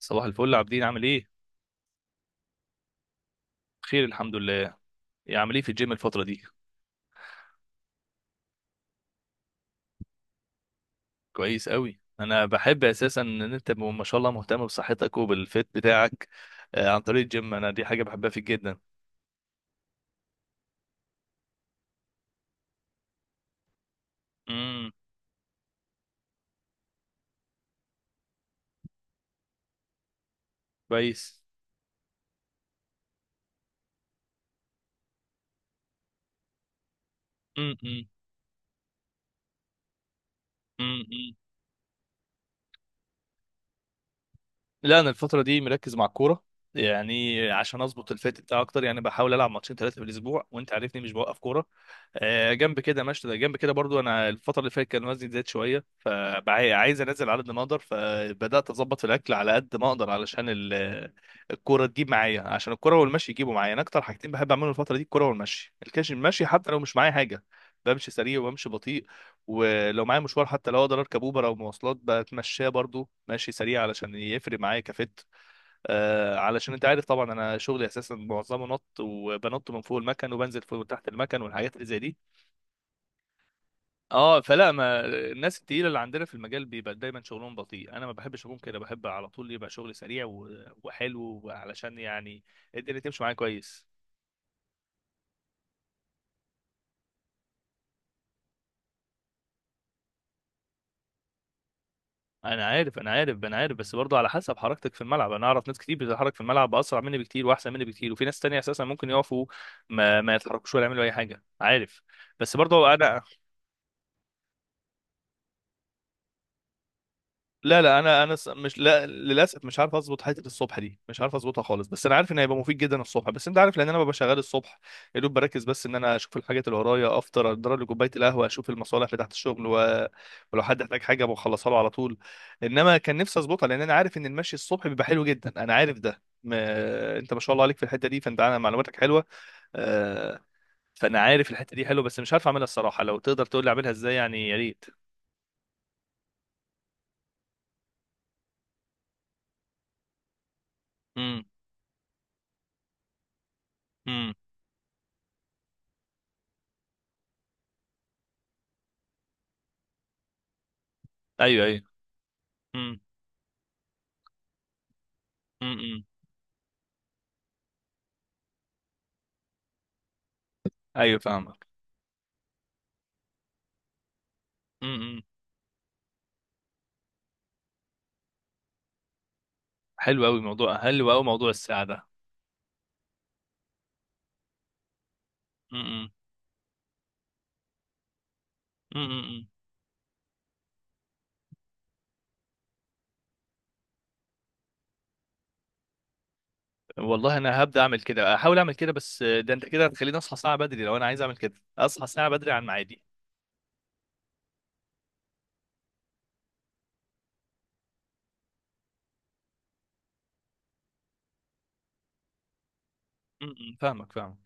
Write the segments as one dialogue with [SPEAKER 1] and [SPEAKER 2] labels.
[SPEAKER 1] صباح الفل عابدين، عامل ايه؟ بخير الحمد لله. إيه عامل ايه في الجيم الفتره دي؟ كويس قوي. انا بحب اساسا ان انت ما شاء الله مهتم بصحتك وبالفيت بتاعك. عن طريق الجيم، انا دي حاجه بحبها فيك جدا. امم. كويس. امم. امم. لا، انا الفتره دي مركز مع الكوره. يعني عشان اظبط الفيت بتاعي اكتر، يعني بحاول العب ماتشين ثلاثه في الاسبوع، وانت عارفني مش بوقف كوره. جنب كده ماشي، جنب كده برضو انا الفتره اللي فاتت كان وزني زاد شويه. بع- عايز انزل على قد ما اقدر، فبدات اظبط في الاكل على قد ما اقدر، علشان الكوره تجيب معايا، عشان الكوره والمشي يجيبوا معايا. انا اكتر حاجتين بحب اعملهم الفتره دي الكوره والمشي، الكاش المشي حتى لو مش معايا حاجه بمشي سريع وبمشي بطيء، ولو معايا مشوار حتى لو اقدر اركب اوبر او مواصلات بتمشاه برضو ماشي سريع علشان يفرق معايا كفت. آه علشان انت عارف طبعا، انا شغلي اساسا معظمه نط، وبنط من فوق المكن وبنزل فوق تحت المكن والحاجات اللي زي دي. اه فلا، ما الناس التقيله اللي عندنا في المجال بيبقى دايما شغلهم بطيء، انا ما بحبش اكون كده، بحب على طول يبقى شغل سريع وحلو، علشان يعني الدنيا تمشي معايا كويس. انا عارف، انا عارف، انا عارف، بس برضه على حسب حركتك في الملعب. انا اعرف ناس كتير بتتحرك في الملعب اسرع مني بكتير واحسن مني بكتير، وفي ناس تانية اساسا ممكن يقفوا ما يتحركوش ولا يعملوا اي حاجه، عارف؟ بس برضه انا لا لا، انا مش، لا للاسف مش عارف اظبط حته الصبح دي، مش عارف اظبطها خالص. بس انا عارف ان هيبقى مفيد جدا الصبح، بس انت عارف لان انا ببقى شغال الصبح، يا دوب بركز بس ان انا اشوف الحاجات اللي ورايا، افطر، اضرب لي كوبايه القهوه، اشوف المصالح بتاعت الشغل ولو حد احتاج حاجه بخلصها له على طول. انما كان نفسي اظبطها، لان انا عارف ان المشي الصبح بيبقى حلو جدا. انا عارف ده ما... انت ما شاء الله عليك في الحته دي، فانت معلوماتك حلوه. آه، فانا عارف الحته دي حلوه، بس مش عارف اعملها الصراحه. لو تقدر تقول لي اعملها ازاي يعني، يا ريت. امم. امم. ايوه، ايوه. امم. امم، امم. ايوه فاهمك. امم. حلو قوي موضوع، حلو قوي موضوع الساعه ده. امم. امم. والله انا هبدا اعمل كده، احاول اعمل كده. بس ده انت كده هتخليني اصحى ساعه بدري. لو انا عايز اعمل كده اصحى ساعه بدري عن ميعادي. امم. فاهمك، فاهمك،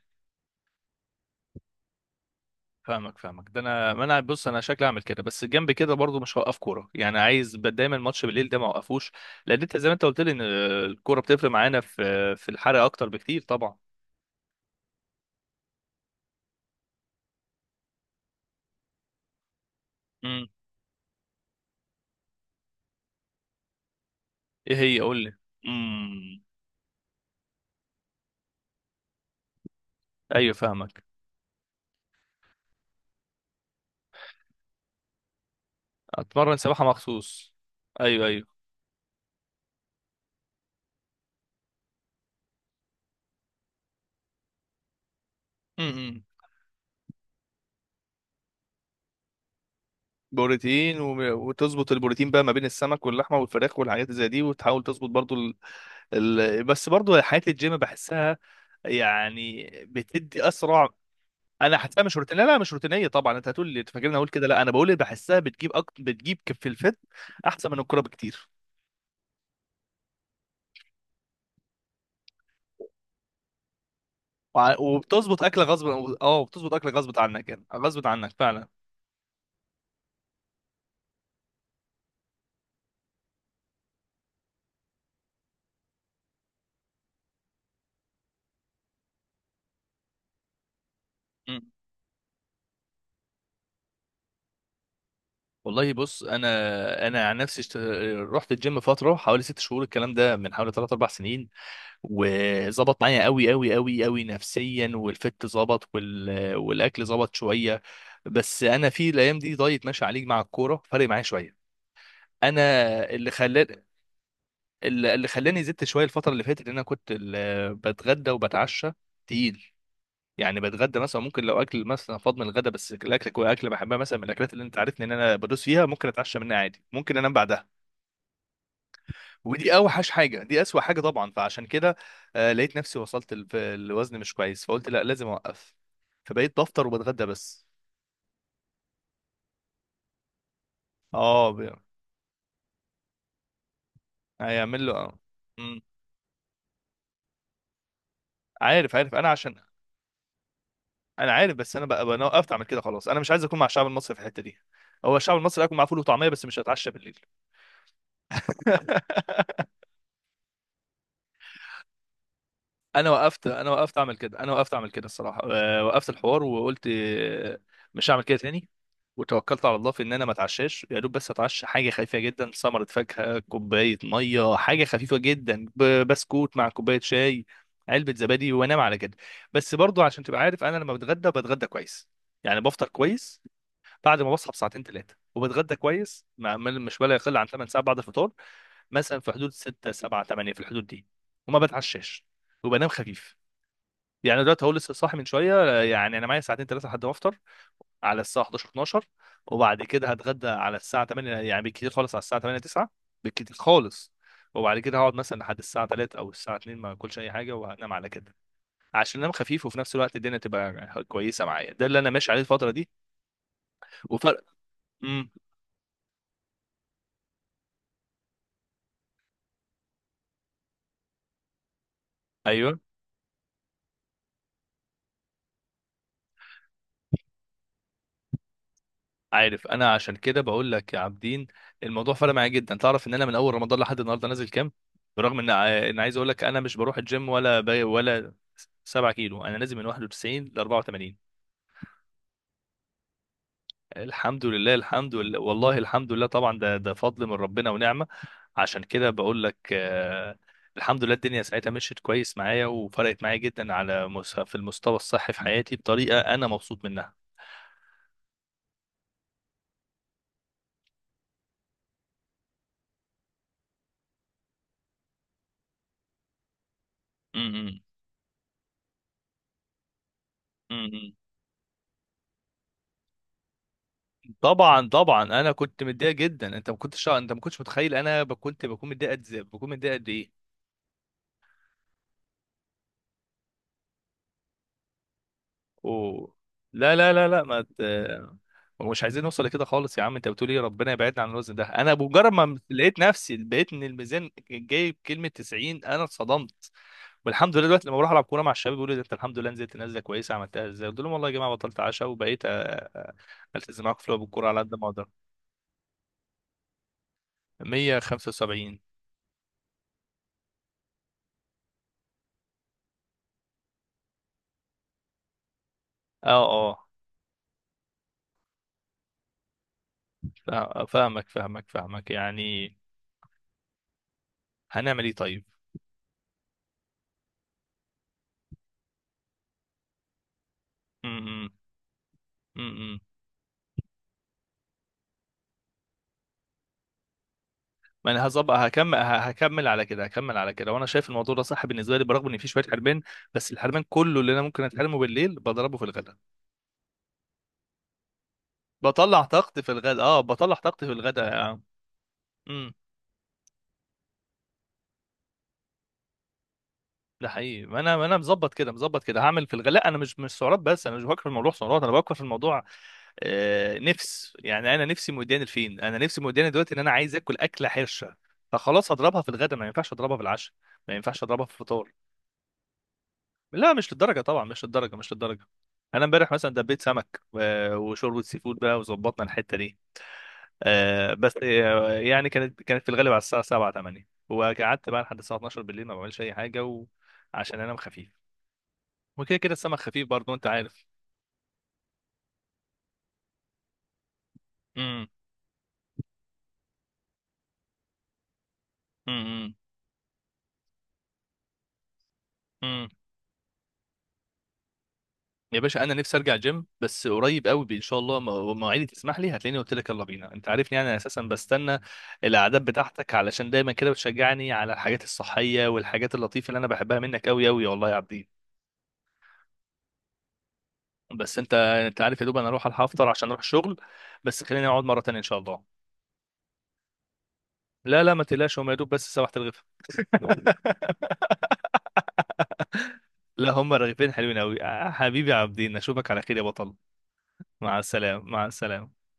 [SPEAKER 1] فاهمك، فاهمك. ده انا، ما انا بص، انا شكلي اعمل كده، بس جنب كده برضو مش هوقف كوره. يعني عايز دايما الماتش بالليل ده ما اوقفوش، لان انت زي ما انت قلت لي ان الكوره بتفرق معانا في الحرق اكتر بكتير طبعا. امم. ايه هي، قول لي. امم. ايوه فاهمك. اتمرن سباحه مخصوص؟ ايوه، ايوه. امم. بروتين وتظبط البروتين بقى ما بين السمك واللحمه والفراخ والحاجات زي دي، وتحاول تظبط برضو بس برضو حياه الجيم بحسها يعني بتدي اسرع. انا حاسسها مش روتينيه، لا مش روتينيه طبعا. انت هتقول لي أنت فاكرني اقول كده، لا انا بقول بحسها بتجيب بتجيب كف في الفت، احسن من الكوره بكتير. وبتظبط اكل غصب. اه، بتظبط اكل غصب عنك، يعني غصب عنك فعلا. مم. والله بص، انا عن نفسي رحت الجيم فتره حوالي ست شهور، الكلام ده من حوالي ثلاث اربع سنين، وظبط معايا قوي قوي قوي قوي نفسيا، والفت ظبط، والاكل ظبط شويه. بس انا في الايام دي دايت ماشي عليه مع الكوره، فرق معايا شويه. انا اللي خلاني، اللي خلاني زدت شويه الفتره اللي فاتت، ان انا كنت بتغدى وبتعشى تقيل. يعني بتغدى مثلا، ممكن لو اكل مثلا فاض من الغدا، بس الاكل اكل بحبها، مثلا من الاكلات اللي انت عارفني ان انا بدوس فيها، ممكن اتعشى منها عادي، ممكن انام بعدها. ودي اوحش حاجه، دي اسوأ حاجه طبعا. فعشان كده لقيت نفسي وصلت في الوزن مش كويس، فقلت لا لازم اوقف، فبقيت بفطر وبتغدى بس. اه هيعمل له اه. أمم. عارف انا عشان انا عارف. بس انا بقى انا وقفت اعمل كده خلاص، انا مش عايز اكون مع الشعب المصري في الحته دي. هو الشعب المصري اكون معاه فول وطعميه، بس مش هتعشى بالليل. انا وقفت اعمل كده، انا وقفت اعمل كده الصراحه. وقفت الحوار وقلت مش هعمل كده تاني، وتوكلت على الله في ان انا ما اتعشاش يا دوب. بس اتعشى حاجه خفيفه جدا، ثمره فاكهه، كوبايه ميه، حاجه خفيفه جدا، بسكوت مع كوبايه شاي، علبه زبادي، وانام على كده. بس برضو عشان تبقى عارف، انا لما بتغدى بتغدى كويس، يعني بفطر كويس. بعد ما بصحى بساعتين ثلاثه وبتغدى كويس، مش ولا يقل عن 8 ساعات بعد الفطار، مثلا في حدود 6 7 8، في الحدود دي. وما بتعشاش، وبنام خفيف. يعني دلوقتي هو لسه صاحي من شويه، يعني انا معايا ساعتين ثلاثه لحد ما افطر على الساعه 11 12، وبعد كده هتغدى على الساعه 8 يعني بالكتير خالص، على الساعه 8 9 بالكتير خالص. وبعد كده هقعد مثلا لحد الساعه 3 او الساعه 2 ما اكلش اي حاجه، وهنام على كده، عشان انام خفيف، وفي نفس الوقت الدنيا تبقى كويسه معايا. ده اللي انا ماشي عليه الفتره دي. وفرق. امم. ايوه عارف. انا عشان كده بقول لك يا عابدين، الموضوع فرق معايا جدا. تعرف ان انا من اول رمضان لحد النهارده نازل كام، برغم ان ان عايز اقول لك انا مش بروح الجيم ولا باي ولا؟ 7 كيلو، انا نازل من 91 ل 84. الحمد لله، الحمد لله، والله الحمد لله طبعا، ده ده فضل من ربنا ونعمه. عشان كده بقول لك الحمد لله الدنيا ساعتها مشيت كويس معايا، وفرقت معايا جدا على في المستوى الصحي في حياتي، بطريقه انا مبسوط منها. م- م- م. طبعا طبعا، انا كنت متضايق جدا. انت ما كنتش متخيل انا كنت بكون متضايق قد بكون متضايق قد ايه. و... لا لا لا لا، ما ت... مش عايزين نوصل لكده خالص، يا عم انت بتقول ايه، ربنا يبعدنا عن الوزن ده. انا بمجرد ما لقيت نفسي، لقيت ان الميزان جايب كلمه 90، انا اتصدمت. والحمد لله دلوقتي لما بروح العب كوره مع الشباب بيقولوا لي ده انت الحمد لله نزلت نزله كويسه، عملتها ازاي؟ قلت لهم والله يا جماعه بطلت عشاء، وبقيت التزم معاكم في لعب الكوره على قد ما اقدر. 175. اه. اه. فاهمك، فاهمك، فاهمك يعني. هنعمل ايه طيب؟ امم. امم. ما انا هظبط، هكمل، هكمل على كده، هكمل على كده. وانا شايف الموضوع ده صح بالنسبه لي، برغم ان في شويه حرمان، بس الحرمان كله اللي انا ممكن اتحرمه بالليل بضربه في الغداء. بطلع طاقتي في الغداء، اه بطلع طاقتي في الغداء. امم. ده حقيقي، ما انا، ما انا مظبط كده، مظبط كده هعمل في الغداء. لا انا مش، مش سعرات، بس انا مش بفكر في الموضوع سعرات، انا بفكر في الموضوع نفس. يعني انا نفسي مودياني لفين، انا نفسي مودياني دلوقتي ان انا عايز اكل اكله حرشه، فخلاص هضربها في الغداء، ما ينفعش اضربها في العشاء، ما ينفعش اضربها في الفطار. لا مش للدرجه طبعا، مش للدرجه، مش للدرجه. انا امبارح مثلا دبيت سمك وشوربه سي فود بقى وظبطنا الحته دي. آه، بس آه، يعني كانت، كانت في الغالب على الساعه 7 8، وقعدت بقى لحد الساعه 12 بالليل ما بعملش اي حاجه، وعشان انام خفيف، وكده كده السمك خفيف برضه انت عارف. امم. امم. امم. يا باشا انا نفسي ارجع جيم، بس قريب قوي ان شاء الله مواعيدي تسمح لي هتلاقيني قلت لك يلا بينا، انت عارفني يعني، انا اساسا بستنى الاعداد بتاعتك علشان دايما كده بتشجعني على الحاجات الصحيه والحاجات اللطيفه اللي انا بحبها منك قوي قوي والله يا عبدين. بس انت انت عارف يا دوب انا اروح الحق افطر عشان اروح الشغل، بس خلينا نقعد مره تانية ان شاء الله. لا لا ما تقلقش، هم يا دوب بس سبحت الغفا. لا هم رغيفين حلوين قوي. حبيبي يا عبدين، اشوفك على خير يا بطل. مع السلامه، مع السلامه.